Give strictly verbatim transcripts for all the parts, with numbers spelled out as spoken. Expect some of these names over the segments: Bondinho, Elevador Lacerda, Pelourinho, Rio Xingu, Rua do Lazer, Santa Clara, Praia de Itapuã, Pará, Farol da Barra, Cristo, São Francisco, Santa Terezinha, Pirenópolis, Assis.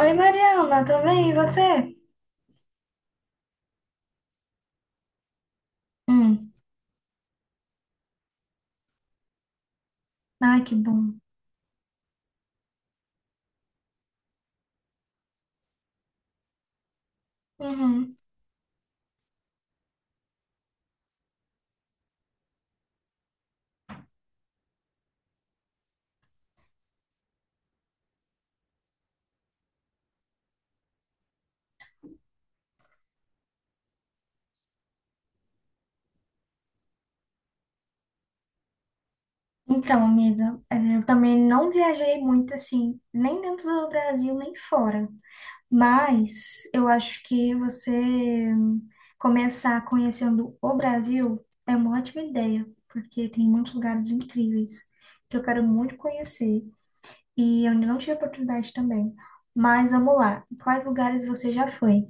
Oi, Mariana, tudo bem? E você? Hum. Ai, que bom. Uhum. Então, amiga, eh, eu também não viajei muito assim, nem dentro do Brasil, nem fora. Mas eu acho que você hum, começar conhecendo o Brasil é uma ótima ideia, porque tem muitos lugares incríveis que eu quero muito conhecer e eu ainda não tive oportunidade também. Mas vamos lá, quais lugares você já foi?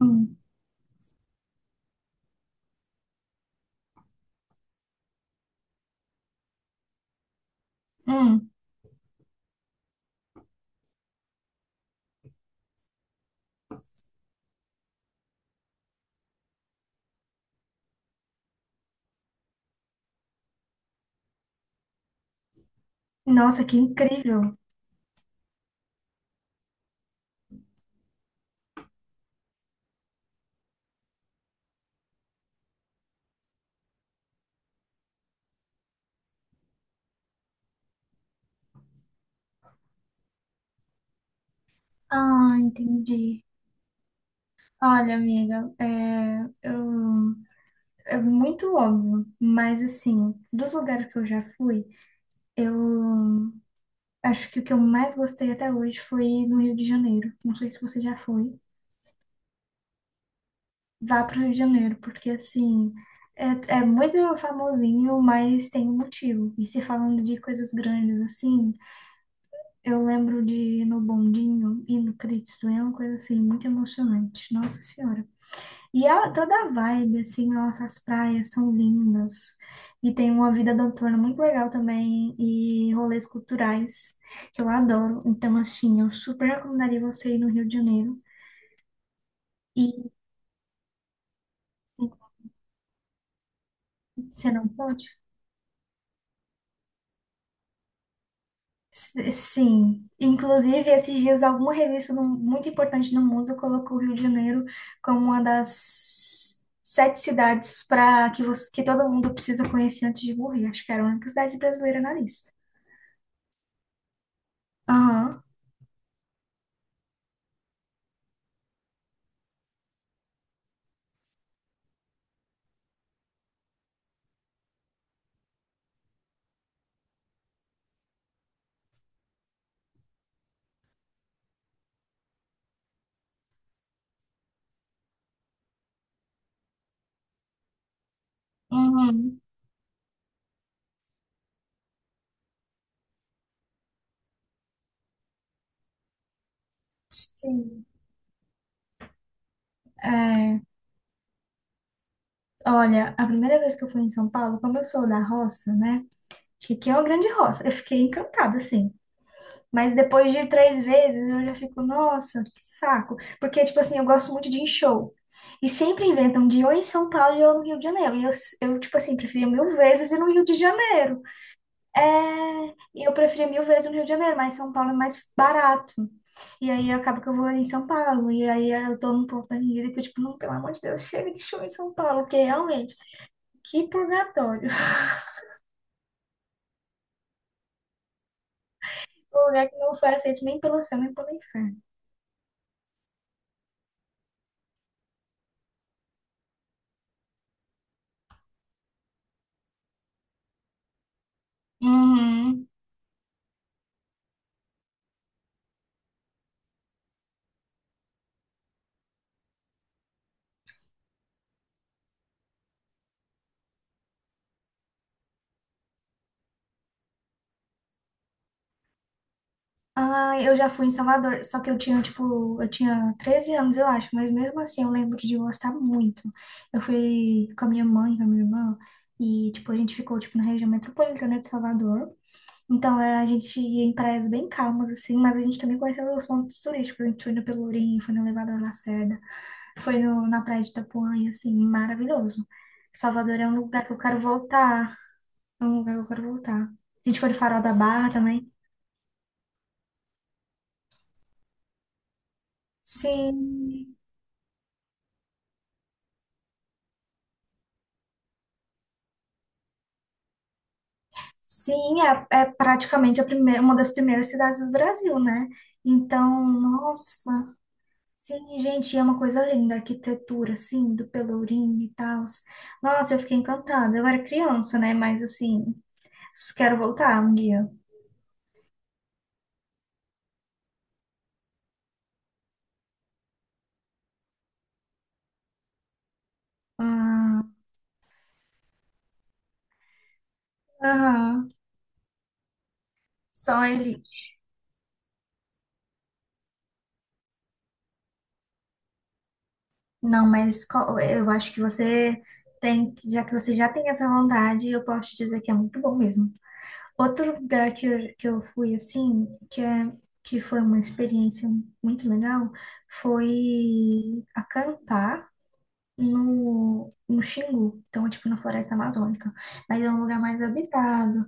Hum. Hum. Nossa, que incrível! Ah, entendi. Olha, amiga, é, eu, é muito óbvio, mas assim, dos lugares que eu já fui, eu acho que o que eu mais gostei até hoje foi no Rio de Janeiro. Não sei se você já foi. Vá para o Rio de Janeiro, porque assim, é, é muito famosinho, mas tem um motivo. E se falando de coisas grandes assim, eu lembro de ir no Bondinho e no Cristo, é uma coisa assim, muito emocionante. Nossa Senhora. E ela, toda a vibe, assim, nossa, as praias são lindas. E tem uma vida noturna muito legal também. E rolês culturais, que eu adoro. Então, assim, eu super recomendaria você ir no Rio de Janeiro. E você não pode? S- Sim. Inclusive, esses dias, alguma revista no- muito importante no mundo colocou o Rio de Janeiro como uma das sete cidades para que, você- que todo mundo precisa conhecer antes de morrer. Acho que era a única cidade brasileira na lista. Aham. Uhum. Sim. É, olha, a primeira vez que eu fui em São Paulo, como eu sou da roça, né? Que aqui é uma grande roça. Eu fiquei encantada, assim. Mas depois de ir três vezes, eu já fico, nossa, que saco. Porque, tipo assim, eu gosto muito de ir em show. E sempre inventam de ou em São Paulo ou no Rio de Janeiro. E eu, eu tipo assim, preferia mil vezes ir no Rio de Janeiro. É, e eu prefiro mil vezes o Rio de Janeiro, mas São Paulo é mais barato. E aí acaba que eu vou em São Paulo. E aí eu tô num ponto da minha vida que eu, tipo, não, pelo amor de Deus, chega de show em São Paulo, porque realmente, que purgatório. Um lugar que não foi aceito nem pelo céu, nem pelo inferno. Uhum. Ah, eu já fui em Salvador, só que eu tinha, tipo, eu tinha treze anos, eu acho, mas mesmo assim eu lembro de gostar muito. Eu fui com a minha mãe, com a minha irmã, e, tipo, a gente ficou, tipo, na região metropolitana de Salvador. Então, é, a gente ia em praias bem calmas, assim, mas a gente também conheceu os pontos turísticos. A gente foi no Pelourinho, foi no Elevador Lacerda, foi no, na Praia de Itapuã, e, assim, maravilhoso. Salvador é um lugar que eu quero voltar. É um lugar que eu quero voltar. A gente foi no Farol da Barra também. Sim, sim, é, é praticamente a primeira, uma das primeiras cidades do Brasil, né? Então, nossa, Sim, gente, é uma coisa linda, a arquitetura, assim, do Pelourinho e tal. Nossa, eu fiquei encantada. Eu era criança, né? Mas, assim, quero voltar um dia. Ah, aham. Só elite. Não, mas co- eu acho que você tem, que- já que você já tem essa vontade, eu posso te dizer que é muito bom mesmo. Outro lugar que eu, que eu fui, assim, que é, que foi uma experiência muito legal, foi acampar no, no Xingu, então, tipo, na Floresta Amazônica. Mas é um lugar mais habitado.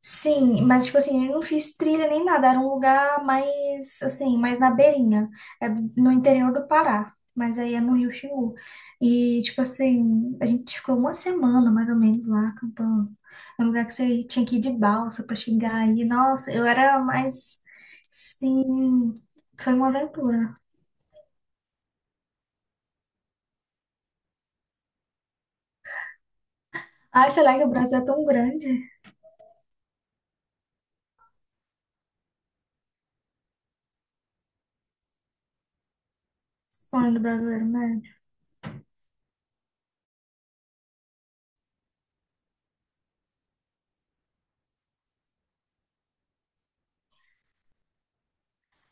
Sim, mas, tipo assim, eu não fiz trilha nem nada, era um lugar mais, assim, mais na beirinha, é no interior do Pará, mas aí é no Rio Xingu. E, tipo assim, a gente ficou uma semana, mais ou menos, lá acampando. É um lugar que você tinha que ir de balsa pra chegar e, nossa, eu era mais, sim, foi uma aventura. Ai, sei lá que o Brasil é tão grande. Sonho do brasileiro, né?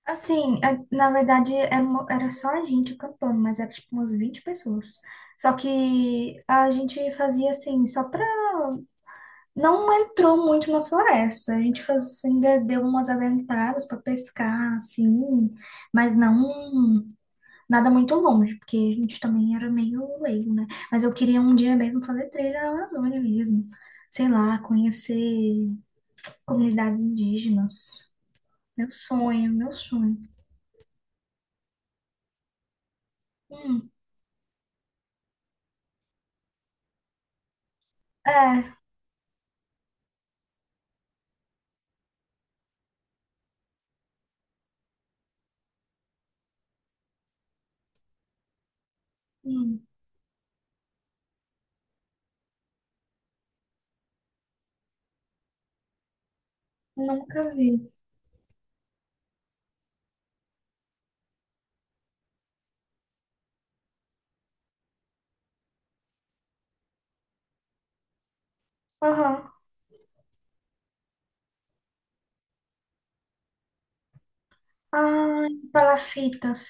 Assim, é- na verdade era, uma- era só a gente acampando, mas era tipo umas vinte pessoas. Só que a gente fazia assim, só pra. Não entrou muito na floresta. A gente faz, ainda deu umas adentradas pra pescar, assim, mas não nada muito longe, porque a gente também era meio leigo, né? Mas eu queria um dia mesmo fazer trilha na Amazônia mesmo. Sei lá, conhecer comunidades indígenas. Meu sonho, meu sonho. Hum, é. Hum, Nunca vi. Aham. Ai, palafitas.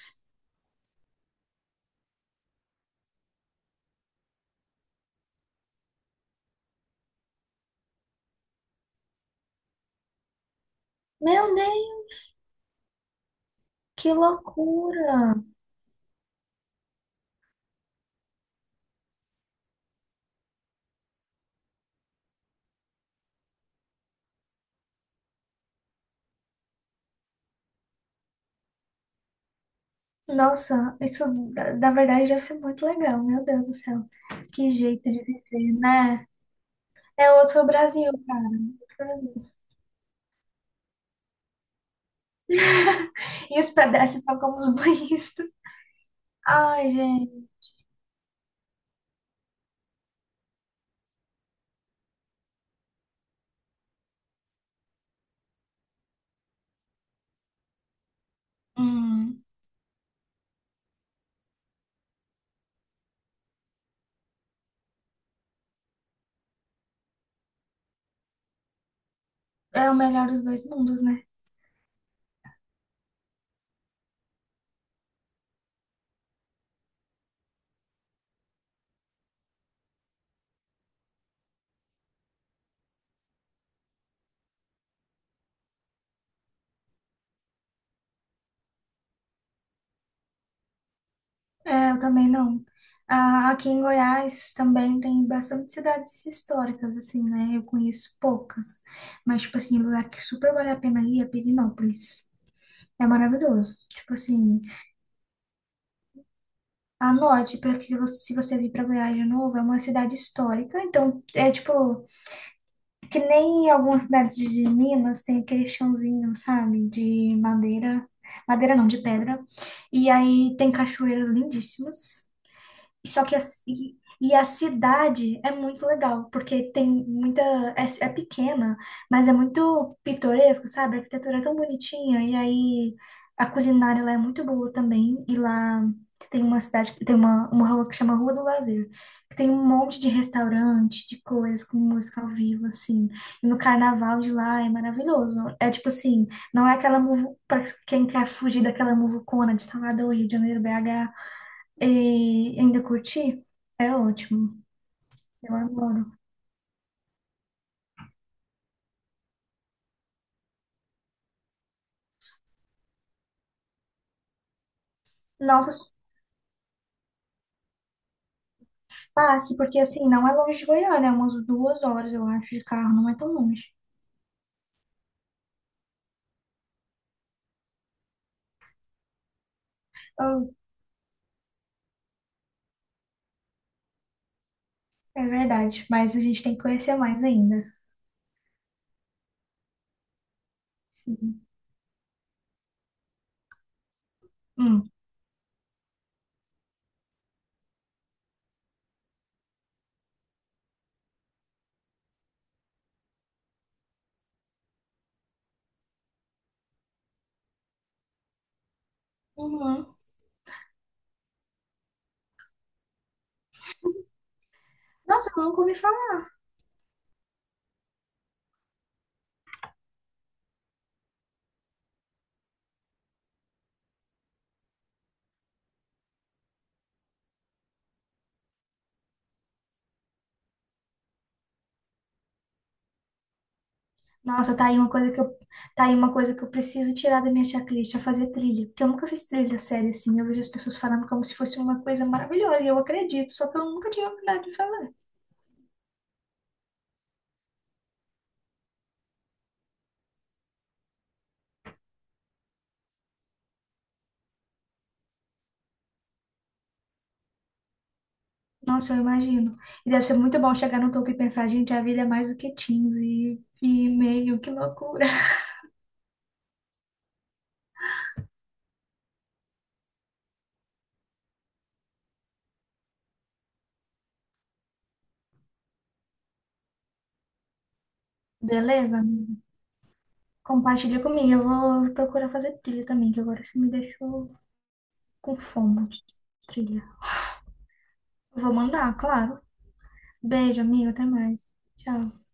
Meu Deus, que loucura! Nossa, isso da- na verdade deve ser muito legal, meu Deus do céu. Que jeito de viver, né? É outro Brasil, cara. é Outro Brasil. E os pedestres são como os banhistas. Ai, gente. Hum, É o melhor dos dois mundos, né? É, eu também não. Ah, aqui em Goiás também tem bastante cidades históricas, assim, né? Eu conheço poucas. Mas, tipo assim, um lugar que super vale a pena ir é Pirenópolis. É maravilhoso. Tipo assim, anote, porque você- se você vir pra Goiás de novo, é uma cidade histórica. Então, é tipo, que nem em algumas cidades de Minas tem aquele chãozinho, sabe? De madeira. Madeira não, de pedra. E aí tem cachoeiras lindíssimas. Só que a, e, e a cidade é muito legal, porque tem muita. É, é pequena, mas é muito pitoresca, sabe? A arquitetura é tão bonitinha, e aí a culinária lá é muito boa também. E lá tem uma cidade, tem uma, uma rua que chama Rua do Lazer, que tem um monte de restaurante, de coisas, com música ao vivo, assim. E no carnaval de lá é maravilhoso. É tipo assim, não é aquela muvu, para quem quer fugir daquela muvucona de Salvador, Rio de Janeiro, B H. E ainda curti? É ótimo. Eu adoro. Nossa, passe, porque assim, não é longe de Goiânia, é umas duas horas, eu acho, de carro, não é tão longe. Ah, é verdade, mas a gente tem que conhecer mais ainda. Sim. Hum. Uhum. Nossa, eu nunca ouvi falar. Nossa, tá aí uma coisa que eu, tá aí uma coisa que eu preciso tirar da minha checklist, é fazer trilha. Porque eu nunca fiz trilha séria assim. Eu vejo as pessoas falando como se fosse uma coisa maravilhosa, e eu acredito, só que eu nunca tive a oportunidade de fazer. Nossa, eu imagino. E deve ser muito bom chegar no topo e pensar, gente, a vida é mais do que quinze e meio, que loucura. Beleza, amiga? Compartilha comigo. Eu vou procurar fazer trilha também, que agora você me deixou com fome de trilha. Vou mandar, claro. Beijo, amigo. Até mais. Tchau.